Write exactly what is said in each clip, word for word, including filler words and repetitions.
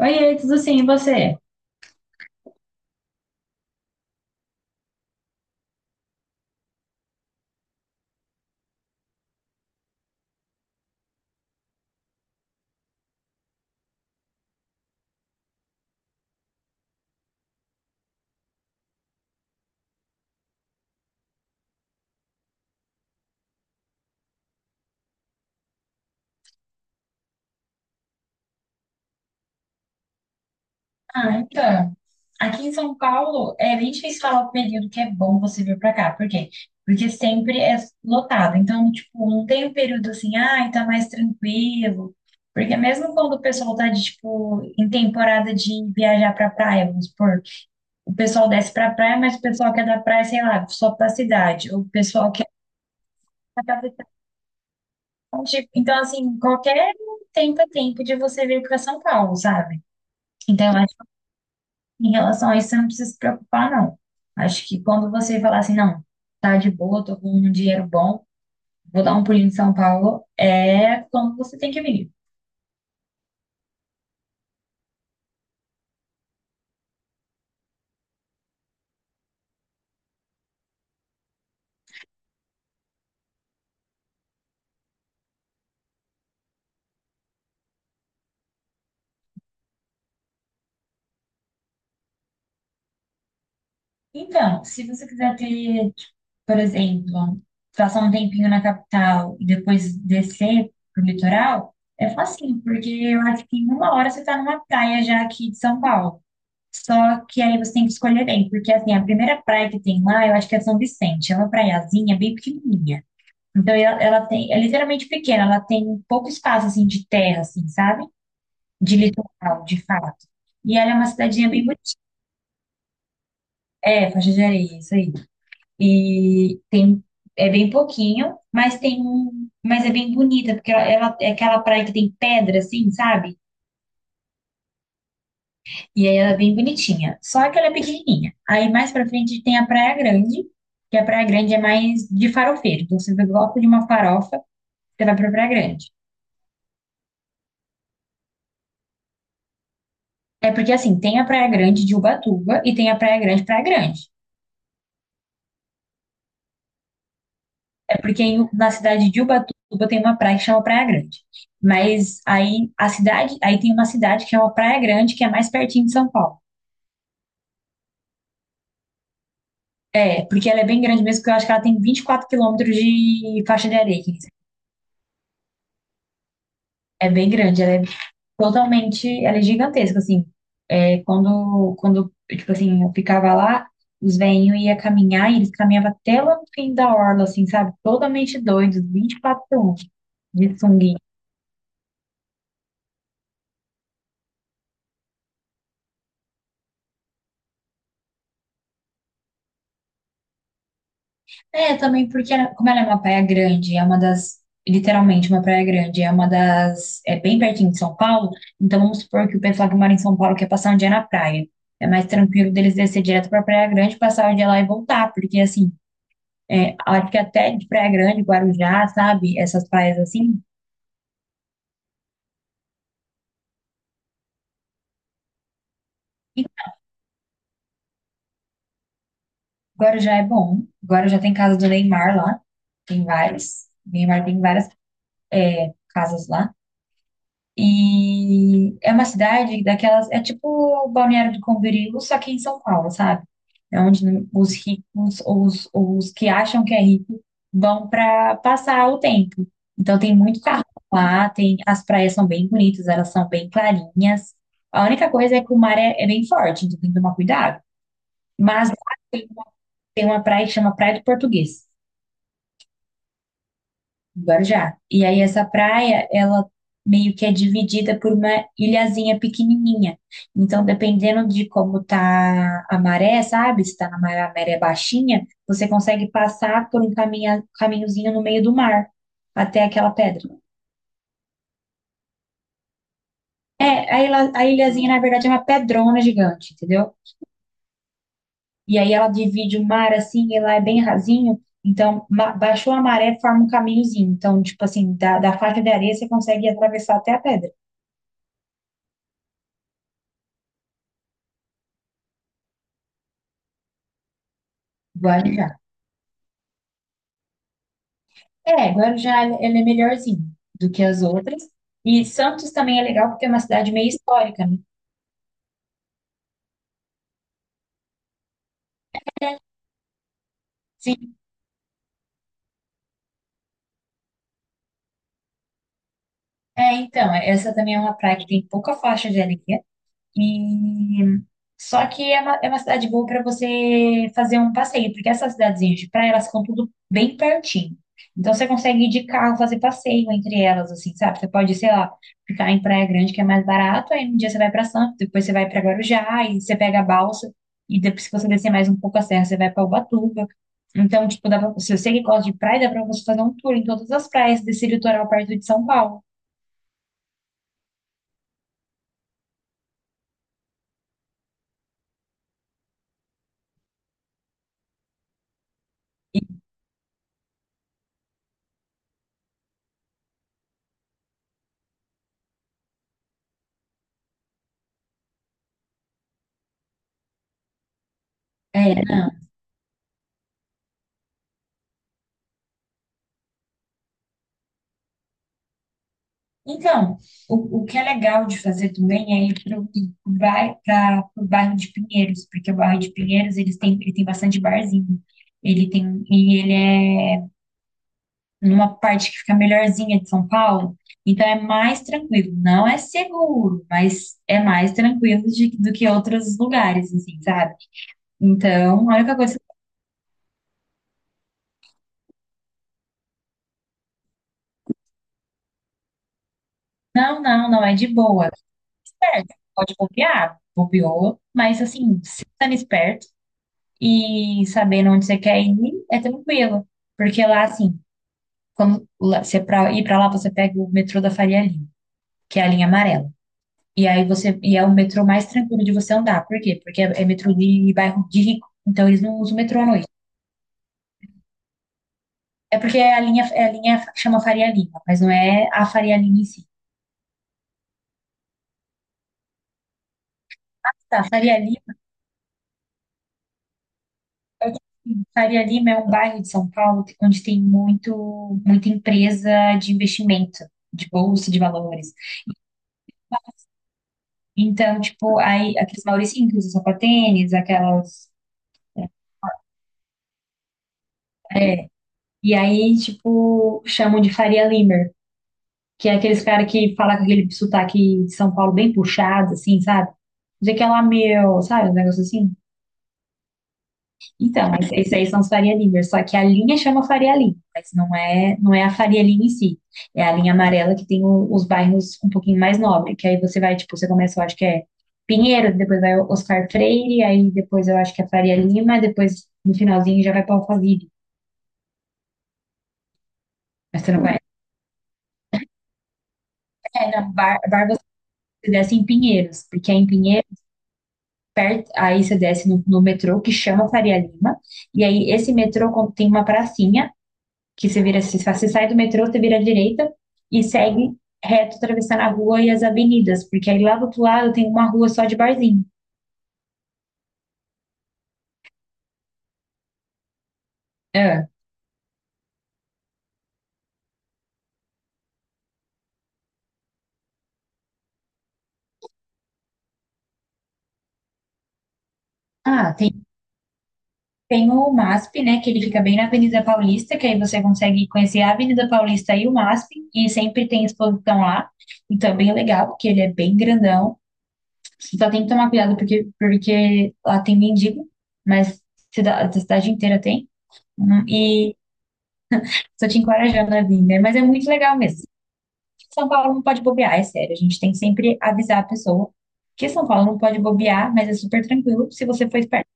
Oi, tudo sim, e você? Ah, então, aqui em São Paulo é bem difícil falar o período que é bom você vir pra cá. Por quê? Porque sempre é lotado. Então, tipo, não tem um período assim, ai, tá mais tranquilo. Porque mesmo quando o pessoal tá de, tipo, em temporada de viajar pra praia, vamos supor, o pessoal desce pra praia, mas o pessoal que é da praia, sei lá, só pra cidade. O pessoal que é da capital, tipo, então, assim, qualquer tempo é tempo de você vir pra São Paulo, sabe? Então, em relação a isso, você não precisa se preocupar, não. Acho que quando você falar assim, não, tá de boa, tô com um dinheiro bom, vou dar um pulinho em São Paulo, é quando você tem que vir. Então, se você quiser ter, tipo, por exemplo, passar um tempinho na capital e depois descer pro litoral, é facinho, porque eu acho que em uma hora você tá numa praia já aqui de São Paulo. Só que aí você tem que escolher bem, porque assim, a primeira praia que tem lá, eu acho que é São Vicente, é uma praiazinha bem pequenininha. Então ela, ela tem, é literalmente pequena, ela tem pouco espaço assim de terra, assim, sabe? De litoral, de fato. E ela é uma cidadezinha bem bonita. É, faixa de areia, isso aí. E tem é bem pouquinho, mas tem um, mas é bem bonita, porque ela, ela- é aquela praia que tem pedra assim, sabe? E aí ela é bem bonitinha. Só que ela é pequenininha. Aí mais pra frente tem a Praia Grande, que a Praia Grande é mais de farofeiro. Então você gosta de uma farofa, você vai pra Praia Grande. É porque assim, tem a Praia Grande de Ubatuba e tem a Praia Grande Praia Grande. É porque em- na cidade de Ubatuba tem uma praia que chama Praia Grande. Mas aí a cidade, aí tem uma cidade que é uma Praia Grande, que é mais pertinho de São Paulo. É, porque ela é bem grande mesmo, porque eu acho que ela tem vinte e quatro quilômetros de faixa de areia, quer dizer, é bem grande, ela é totalmente, ela é gigantesca, assim. É, quando, quando, tipo assim, eu ficava lá, os velhinhos iam caminhar e eles caminhavam até lá no fim da orla, assim, sabe? Totalmente doidos, vinte e quatro horas de sunguinha. É, também porque, ela- como ela é uma praia grande, é uma das, literalmente uma praia grande, é uma das, é bem pertinho de São Paulo, então vamos supor que o pessoal que mora em São Paulo quer passar um dia na praia. É mais tranquilo deles descer direto pra Praia Grande, passar o dia lá e voltar, porque, assim, é, acho que até de Praia Grande, Guarujá, sabe? Essas praias assim. E Guarujá é bom. Guarujá tem casa do Neymar lá. Tem várias. Neymar tem várias é, casas lá. E é uma cidade daquelas, é tipo Balneário do Camboriú, só que em São Paulo, sabe? É onde os ricos ou os, ou os que acham que é rico vão para passar o tempo. Então tem muito carro lá, tem, as praias são bem bonitas, elas são bem clarinhas. A única coisa é que o mar é, é bem forte, então tem que tomar cuidado. Mas lá tem uma, tem uma praia que chama Praia do Português. Guarujá. E aí essa praia, ela meio que é dividida por uma ilhazinha pequenininha. Então, dependendo de como tá a maré, sabe? Se tá na maré, a maré é baixinha, você consegue passar por um caminha, caminhozinho no meio do mar até aquela pedra. É, a, ilha, a ilhazinha, na verdade, é uma pedrona gigante, entendeu? E aí ela divide o mar assim, e lá é bem rasinho. Então, ma- baixou a maré, forma um caminhozinho. Então, tipo assim, da, da faixa de areia você consegue atravessar até a pedra. Guarujá. É, Guarujá ele é melhorzinho do que as outras. E Santos também é legal porque é uma cidade meio histórica, né? Sim, é, então, essa também é uma praia que tem pouca faixa de areia, e só que é uma, é uma cidade boa para você fazer um passeio, porque essas cidadezinhas de praia, elas ficam tudo bem pertinho. Então você consegue ir de carro fazer passeio entre elas, assim, sabe? Você pode, sei lá, ficar em Praia Grande, que é mais barato, aí um dia você vai para Santos, depois você vai para Guarujá, e você pega a balsa, e depois, se você descer mais um pouco a serra, você vai para Ubatuba. Então, tipo, dá pra, se você que gosta de praia, dá para você fazer um tour em todas as praias desse litoral perto de São Paulo. É, não. Então, o, o que é legal de fazer também é ir para o bairro de Pinheiros, porque o bairro de Pinheiros eles têm, ele tem bastante barzinho. Ele tem, e ele é numa parte que fica melhorzinha de São Paulo, então é mais tranquilo. Não é seguro, mas é mais tranquilo de- do que outros lugares, assim, sabe? Então, a única coisa, não, não, não é de boa. Certo, pode bobear, bobeou, mas assim, sendo esperto, e sabendo onde você quer ir, é tranquilo. Porque lá, assim, quando lá- você pra ir pra lá, você pega o metrô da Faria Lima, que é a linha amarela. E aí você, e é o metrô mais tranquilo de você andar. Por quê? Porque é, é metrô de bairro de rico, então eles não usam metrô à noite. É porque é a linha, é a linha que chama Faria Lima, mas não é a Faria Lima em si. Tá, Faria Lima, Faria Lima é um bairro de São Paulo onde tem muito, muita empresa de investimento, de bolsa de valores. Então, tipo, aí aqueles mauricinhos que usam sapatênis, aquelas. É, e aí, tipo, chamam de Faria Limer, que é aqueles cara que fala com aquele sotaque de São Paulo bem puxado, assim, sabe? Dizer que é lá meu, sabe? Um negócio assim. Então, mas isso aí são os Faria Limers, só que a linha chama Faria Lima, mas não é, não é a Faria Lima em si. É a linha amarela que tem o- os bairros um pouquinho mais nobre, que aí você vai, tipo, você começa, eu acho que é Pinheiro, depois vai Oscar Freire, aí depois eu acho que é Faria Lima, depois no finalzinho já vai para Alphaville. Mas você não vai. É, na Bar, Bar você desce em Pinheiros, porque é em Pinheiros, perto, aí você desce no, no metrô que chama Faria Lima, e aí esse metrô con- tem uma pracinha, que você vira assim, você sai do metrô, você vira à direita e segue reto atravessando a rua e as avenidas, porque aí lá do outro lado tem uma rua só de barzinho. Ah, Ah, tem, tem o MASP, né, que ele fica bem na Avenida Paulista, que aí você consegue conhecer a Avenida Paulista e o MASP, e sempre tem exposição lá. Então é bem legal, porque ele é bem grandão. Você só tem que tomar cuidado, porque, porque lá tem mendigo, mas cida- da cidade inteira tem. Hum, E só te encorajando a vir, né? Mas é muito legal mesmo. São Paulo não pode bobear, é sério. A gente tem que sempre avisar a pessoa que São Paulo não pode bobear, mas é super tranquilo se você for esperto.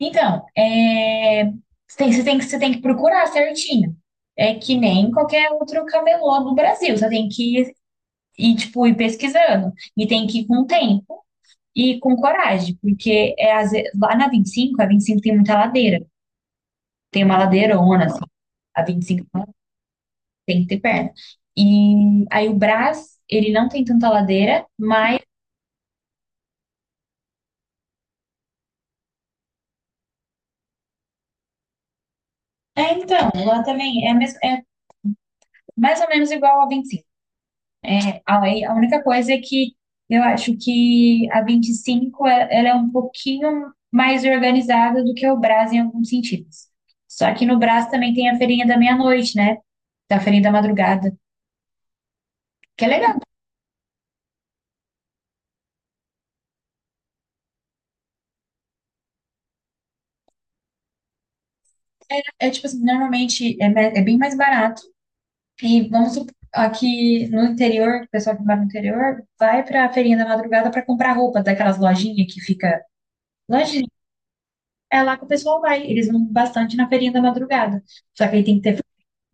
Então, é, você tem, você tem que, você tem que procurar certinho. É que nem qualquer outro camelô do Brasil. Você tem que ir, ir, tipo, ir pesquisando. E tem que ir com tempo e com coragem. Porque é, às vezes, lá na vinte e cinco, a vinte e cinco tem muita ladeira. Tem uma ladeirona, assim. A vinte e cinco tem que ter perna. E aí o Brás, ele não tem tanta ladeira, mas é, então, lá também é, mes- é mais ou menos igual a vinte e cinco. É, aí, a a única coisa é que eu acho que a vinte e cinco é- ela é um pouquinho mais organizada do que o Brás em alguns sentidos. Só que no Brás também tem a feirinha da meia-noite, né? Da feirinha da madrugada, que é legal, né? É tipo assim, normalmente é, me- é bem mais barato. E vamos supor, aqui no interior, o pessoal que mora no interior vai pra feirinha da madrugada pra comprar roupa daquelas lojinhas que fica. Loja é lá que o pessoal vai. Eles vão bastante na feirinha da madrugada. Só que aí tem que ter frango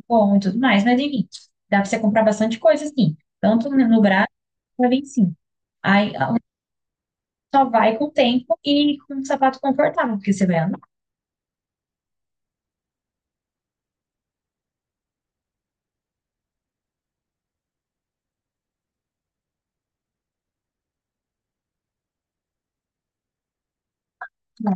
bom e tudo mais, mas enfim, dá pra você comprar bastante coisa, assim. Tanto no braço, vai bem sim. Aí a- Só vai com o tempo e com um sapato confortável, porque você vai andar. Não,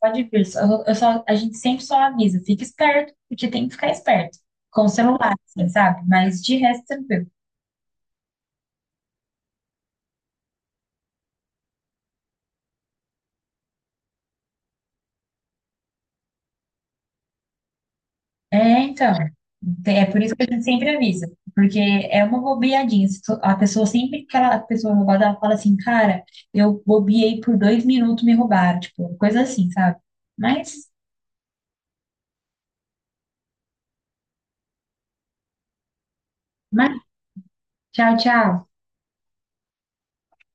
pode vir. Só- eu só- a gente sempre só avisa, fica esperto, porque tem que ficar esperto. Com o celular, assim, sabe? Mas de resto, tranquilo. É, então. Te- É por isso que a gente sempre avisa. Porque é uma bobeadinha. Se tu- A pessoa sempre que ela- a pessoa roubada, ela fala assim, cara, eu bobeei por dois minutos, me roubaram. Tipo, coisa assim, sabe? Mas, mas, tchau, tchau.